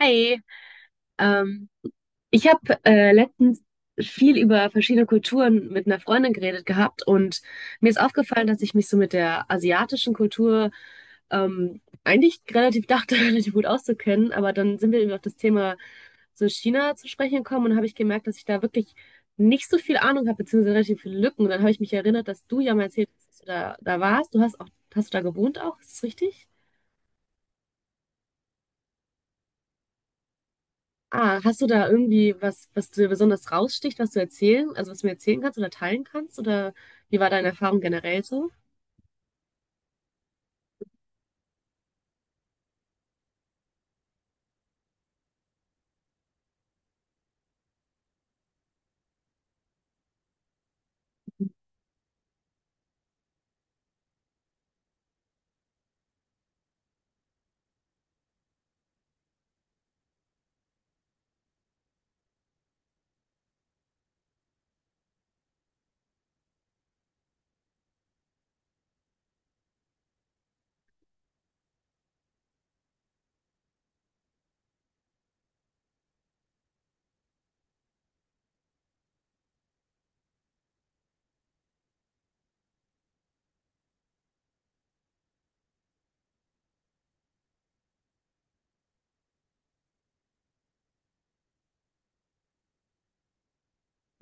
Hi, ähm, ich habe letztens viel über verschiedene Kulturen mit einer Freundin geredet gehabt und mir ist aufgefallen, dass ich mich so mit der asiatischen Kultur eigentlich relativ dachte, relativ gut auszukennen, aber dann sind wir eben auf das Thema so China zu sprechen gekommen und habe ich gemerkt, dass ich da wirklich nicht so viel Ahnung habe, beziehungsweise relativ viele Lücken. Und dann habe ich mich erinnert, dass du ja mal erzählt hast, dass du da warst. Hast du da gewohnt auch, ist das richtig? Ah, hast du da irgendwie was, was dir besonders raussticht, also was du mir erzählen kannst oder teilen kannst? Oder wie war deine Erfahrung generell so?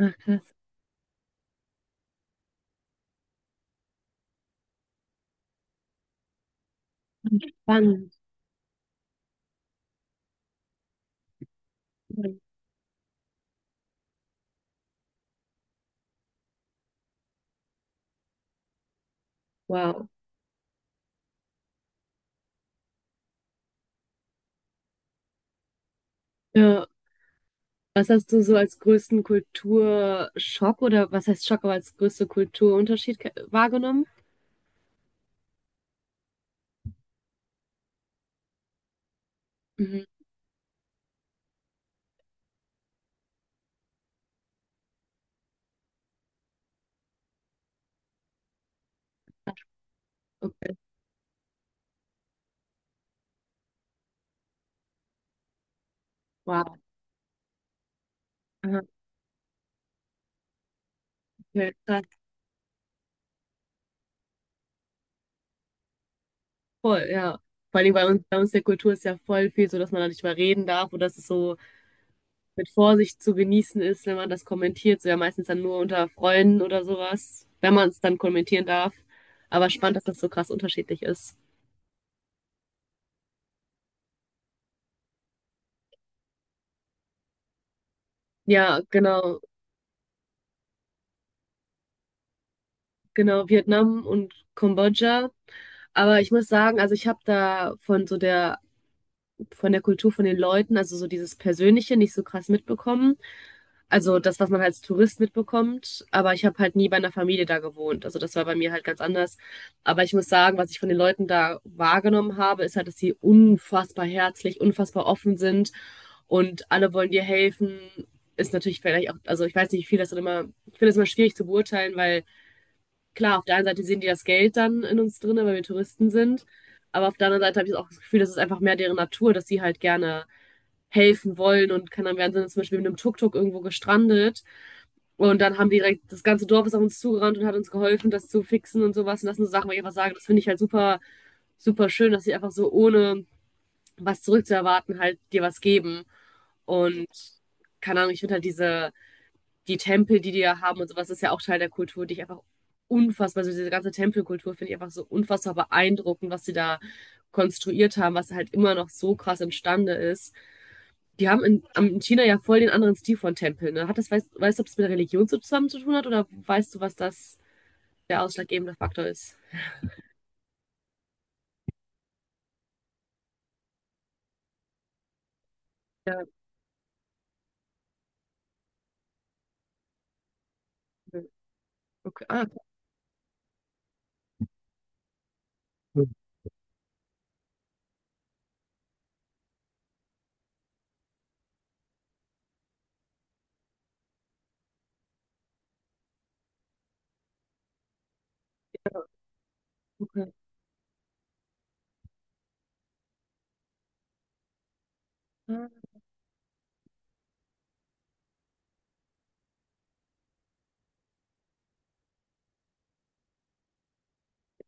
Ach, krass. Spannend. Wow. Ja. Was hast du so als größten Kulturschock oder was heißt Schock, aber als größte Kulturunterschied wahrgenommen? Mhm. Okay. Wow. Aha. Okay. Krass. Voll, ja. Vor allem bei uns der Kultur ist ja voll viel so, dass man da nicht mehr reden darf oder dass es so mit Vorsicht zu genießen ist, wenn man das kommentiert. So ja meistens dann nur unter Freunden oder sowas, wenn man es dann kommentieren darf. Aber spannend, dass das so krass unterschiedlich ist. Ja, genau, genau, Vietnam und Kambodscha. Aber ich muss sagen, also ich habe da von der Kultur von den Leuten, also so dieses Persönliche nicht so krass mitbekommen. Also das, was man als Tourist mitbekommt, aber ich habe halt nie bei einer Familie da gewohnt. Also das war bei mir halt ganz anders. Aber ich muss sagen, was ich von den Leuten da wahrgenommen habe, ist halt, dass sie unfassbar herzlich, unfassbar offen sind und alle wollen dir helfen. Ist natürlich vielleicht auch, also ich weiß nicht, wie viel das dann immer, ich finde das immer schwierig zu beurteilen, weil klar, auf der einen Seite sehen die das Geld dann in uns drin, weil wir Touristen sind. Aber auf der anderen Seite habe ich auch das Gefühl, das ist einfach mehr deren Natur, dass sie halt gerne helfen wollen und kann dann werden sie zum Beispiel mit einem Tuk-Tuk irgendwo gestrandet. Und dann haben die direkt, Das ganze Dorf ist auf uns zugerannt und hat uns geholfen, das zu fixen und sowas. Und das sind so Sachen, wo ich einfach sage, das finde ich halt super, super schön, dass sie einfach so ohne was zurückzuerwarten halt dir was geben. Und keine Ahnung, ich finde halt die Tempel, die die ja haben und sowas, ist ja auch Teil der Kultur, die ich einfach unfassbar, also diese ganze Tempelkultur finde ich einfach so unfassbar beeindruckend, was sie da konstruiert haben, was halt immer noch so krass imstande ist. Die haben in China ja voll den anderen Stil von Tempeln. Ne? Hat das, weißt du, ob es mit der Religion so zusammen zu tun hat oder weißt du, was das der ausschlaggebende Faktor ist? Ja, okay. Ah, ja, okay. Ah,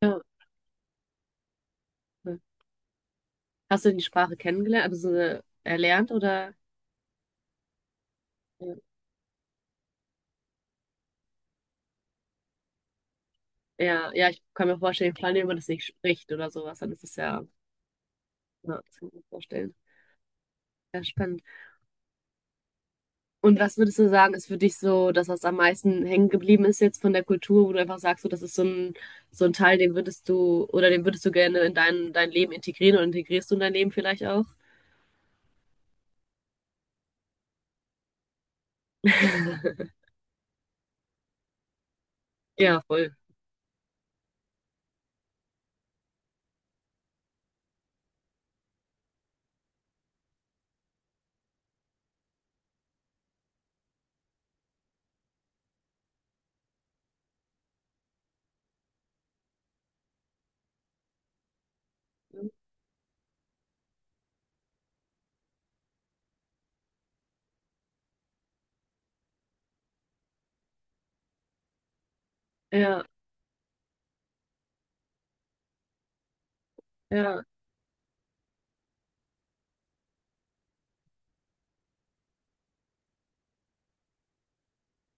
ja, okay. Hast du die Sprache kennengelernt, also so, erlernt oder? Ja. Ja, ja, ich kann mir vorstellen, vor allem, wenn man das nicht spricht oder sowas, dann ist es ja, ja, das kann ich mir vorstellen. Ja, spannend. Und was würdest du sagen, ist für dich so das, was am meisten hängen geblieben ist jetzt von der Kultur, wo du einfach sagst, so, das ist so ein Teil, den würdest du gerne in dein Leben integrieren oder integrierst du in dein Leben vielleicht auch? Ja, voll. Ja, ja,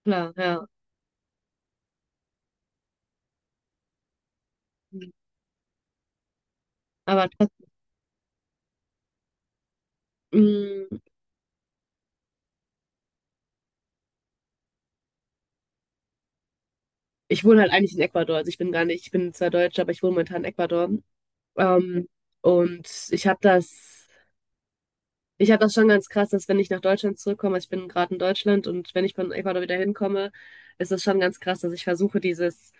klar, ja. Aber trotz- mh, Ich wohne halt eigentlich in Ecuador. Also ich bin gar nicht, ich bin zwar Deutsche, aber ich wohne momentan in Ecuador. Ähm, und ich habe das. Ich habe das schon ganz krass, dass wenn ich nach Deutschland zurückkomme, also ich bin gerade in Deutschland und wenn ich von Ecuador wieder hinkomme, ist das schon ganz krass, dass ich versuche, dieses,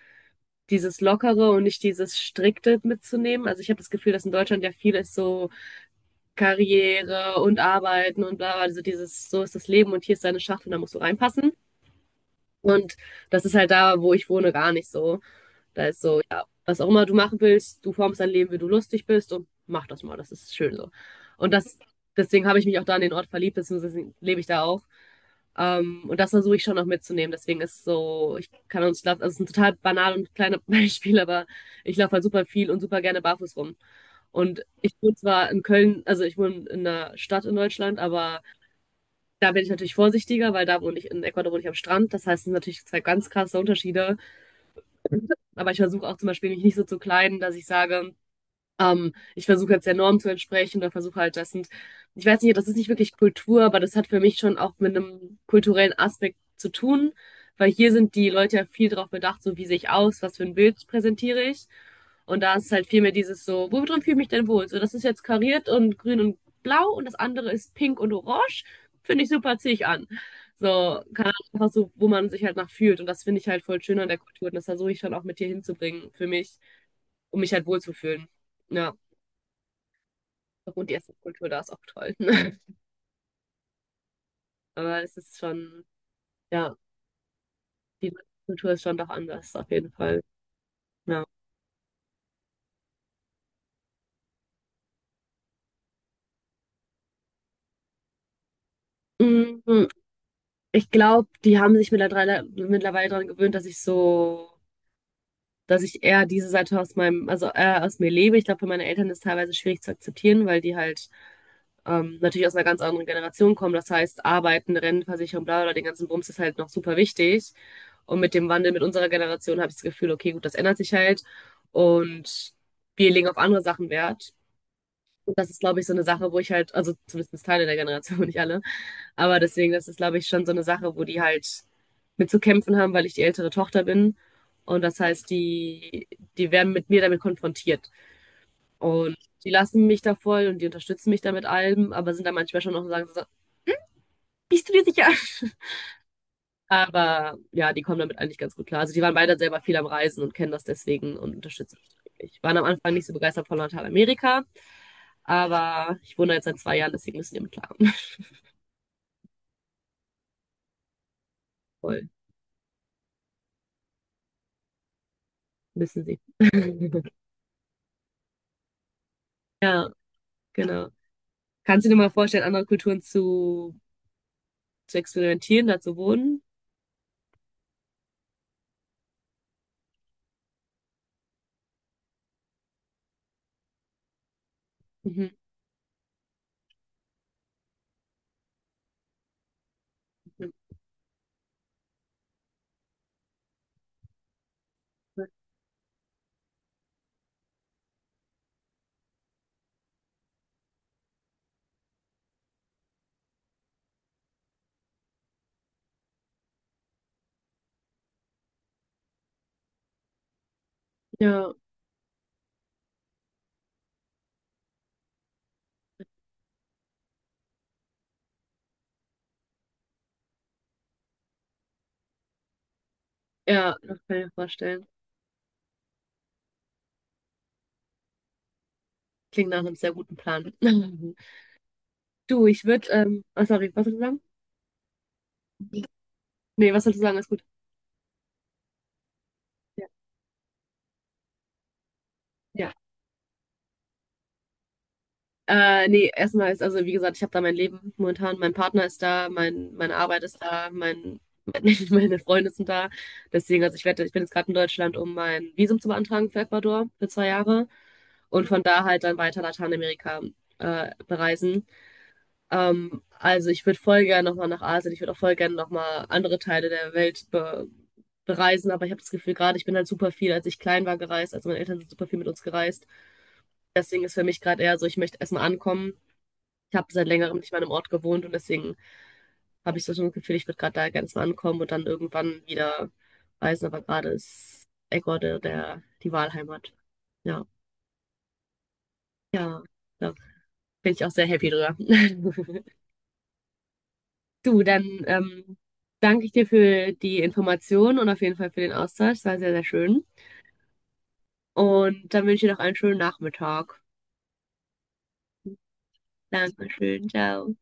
dieses Lockere und nicht dieses Strikte mitzunehmen. Also ich habe das Gefühl, dass in Deutschland ja vieles so Karriere und Arbeiten und bla bla, also dieses, so ist das Leben und hier ist deine Schachtel, und da musst du reinpassen. Und das ist halt da, wo ich wohne, gar nicht so. Da ist so, ja, was auch immer du machen willst, du formst dein Leben, wie du lustig bist und mach das mal, das ist schön so. Und das, Deswegen habe ich mich auch da an den Ort verliebt, deswegen lebe ich da auch. Und das versuche ich schon noch mitzunehmen. Deswegen ist so, ich kann uns, glaub, also es ist ein total banal und kleines Beispiel, aber ich laufe halt super viel und super gerne barfuß rum. Und ich wohne zwar in Köln, also ich wohne in einer Stadt in Deutschland, aber da bin ich natürlich vorsichtiger, weil da wohne ich, in Ecuador wohne ich am Strand. Das heißt, es sind natürlich zwei ganz krasse Unterschiede. Aber ich versuche auch zum Beispiel mich nicht so zu kleiden, dass ich sage, ich versuche jetzt der Norm zu entsprechen oder versuche halt, das sind, ich weiß nicht, das ist nicht wirklich Kultur, aber das hat für mich schon auch mit einem kulturellen Aspekt zu tun, weil hier sind die Leute ja viel darauf bedacht, so wie sehe ich aus, was für ein Bild präsentiere ich. Und da ist halt viel mehr dieses so, wo drin fühle ich mich denn wohl? So, das ist jetzt kariert und grün und blau und das andere ist pink und orange. Finde ich super, ziehe ich an. So, keine Ahnung, einfach so, wo man sich halt nach fühlt. Und das finde ich halt voll schön an der Kultur. Und das versuche ich schon auch mit dir hinzubringen für mich, um mich halt wohlzufühlen. Ja. Und die Essenskultur da ist auch toll. Aber es ist schon, ja, die Kultur ist schon doch anders, auf jeden Fall. Ja. Mm, Ich glaube, die haben sich mittlerweile daran gewöhnt, dass ich eher diese Seite aus meinem, also eher aus mir lebe. Ich glaube, für meine Eltern ist es teilweise schwierig zu akzeptieren, weil die halt natürlich aus einer ganz anderen Generation kommen. Das heißt, Arbeiten, Rentenversicherung, bla bla, den ganzen Bums ist halt noch super wichtig. Und mit dem Wandel mit unserer Generation habe ich das Gefühl, okay, gut, das ändert sich halt. Und wir legen auf andere Sachen Wert. Und das ist, glaube ich, so eine Sache, wo ich halt, also zumindest Teile der Generation, nicht alle, aber deswegen, das ist, glaube ich, schon so eine Sache, wo die halt mit zu kämpfen haben, weil ich die ältere Tochter bin. Und das heißt, die werden mit mir damit konfrontiert. Und die lassen mich da voll und die unterstützen mich da mit allem, aber sind da manchmal schon noch sagen, so, bist du dir sicher? Aber ja, die kommen damit eigentlich ganz gut klar. Also die waren beide selber viel am Reisen und kennen das deswegen und unterstützen mich wirklich. Waren am Anfang nicht so begeistert von Lateinamerika, aber ich wohne jetzt seit 2 Jahren, deswegen müssen die mit klarkommen. Voll, müssen sie. Ja, genau. Kannst du dir mal vorstellen, andere Kulturen zu experimentieren, da zu wohnen? Mhm. Ja, ja, das kann ich mir vorstellen. Klingt nach einem sehr guten Plan. Du, ich würde, oh, sorry, was soll ich sagen? Nee, was soll ich sagen? Ist gut. Ja. Ja. Nee, erstmal ist, also wie gesagt, ich habe da mein Leben momentan, mein Partner ist da, meine Arbeit ist da, mein, meine Freunde sind da. Deswegen, also ich bin jetzt gerade in Deutschland, um mein Visum zu beantragen für Ecuador für 2 Jahre und von da halt dann weiter Lateinamerika bereisen. Also ich würde voll gerne nochmal nach Asien, ich würde auch voll gerne nochmal andere Teile der Welt be bereisen, aber ich habe das Gefühl, gerade ich bin halt super viel, als ich klein war, gereist, also meine Eltern sind super viel mit uns gereist. Deswegen ist für mich gerade eher so, ich möchte erstmal ankommen. Ich habe seit längerem nicht mehr an einem Ort gewohnt und deswegen habe ich so ein Gefühl, ich würde gerade da ganz mal ankommen und dann irgendwann wieder reisen. Aber gerade ist Ecuador die Wahlheimat. Ja, ja, da bin ich auch sehr happy drüber. Du, dann danke ich dir für die Informationen und auf jeden Fall für den Austausch. Es war sehr, sehr schön. Und dann wünsche ich dir noch einen schönen Nachmittag. Dankeschön, ciao.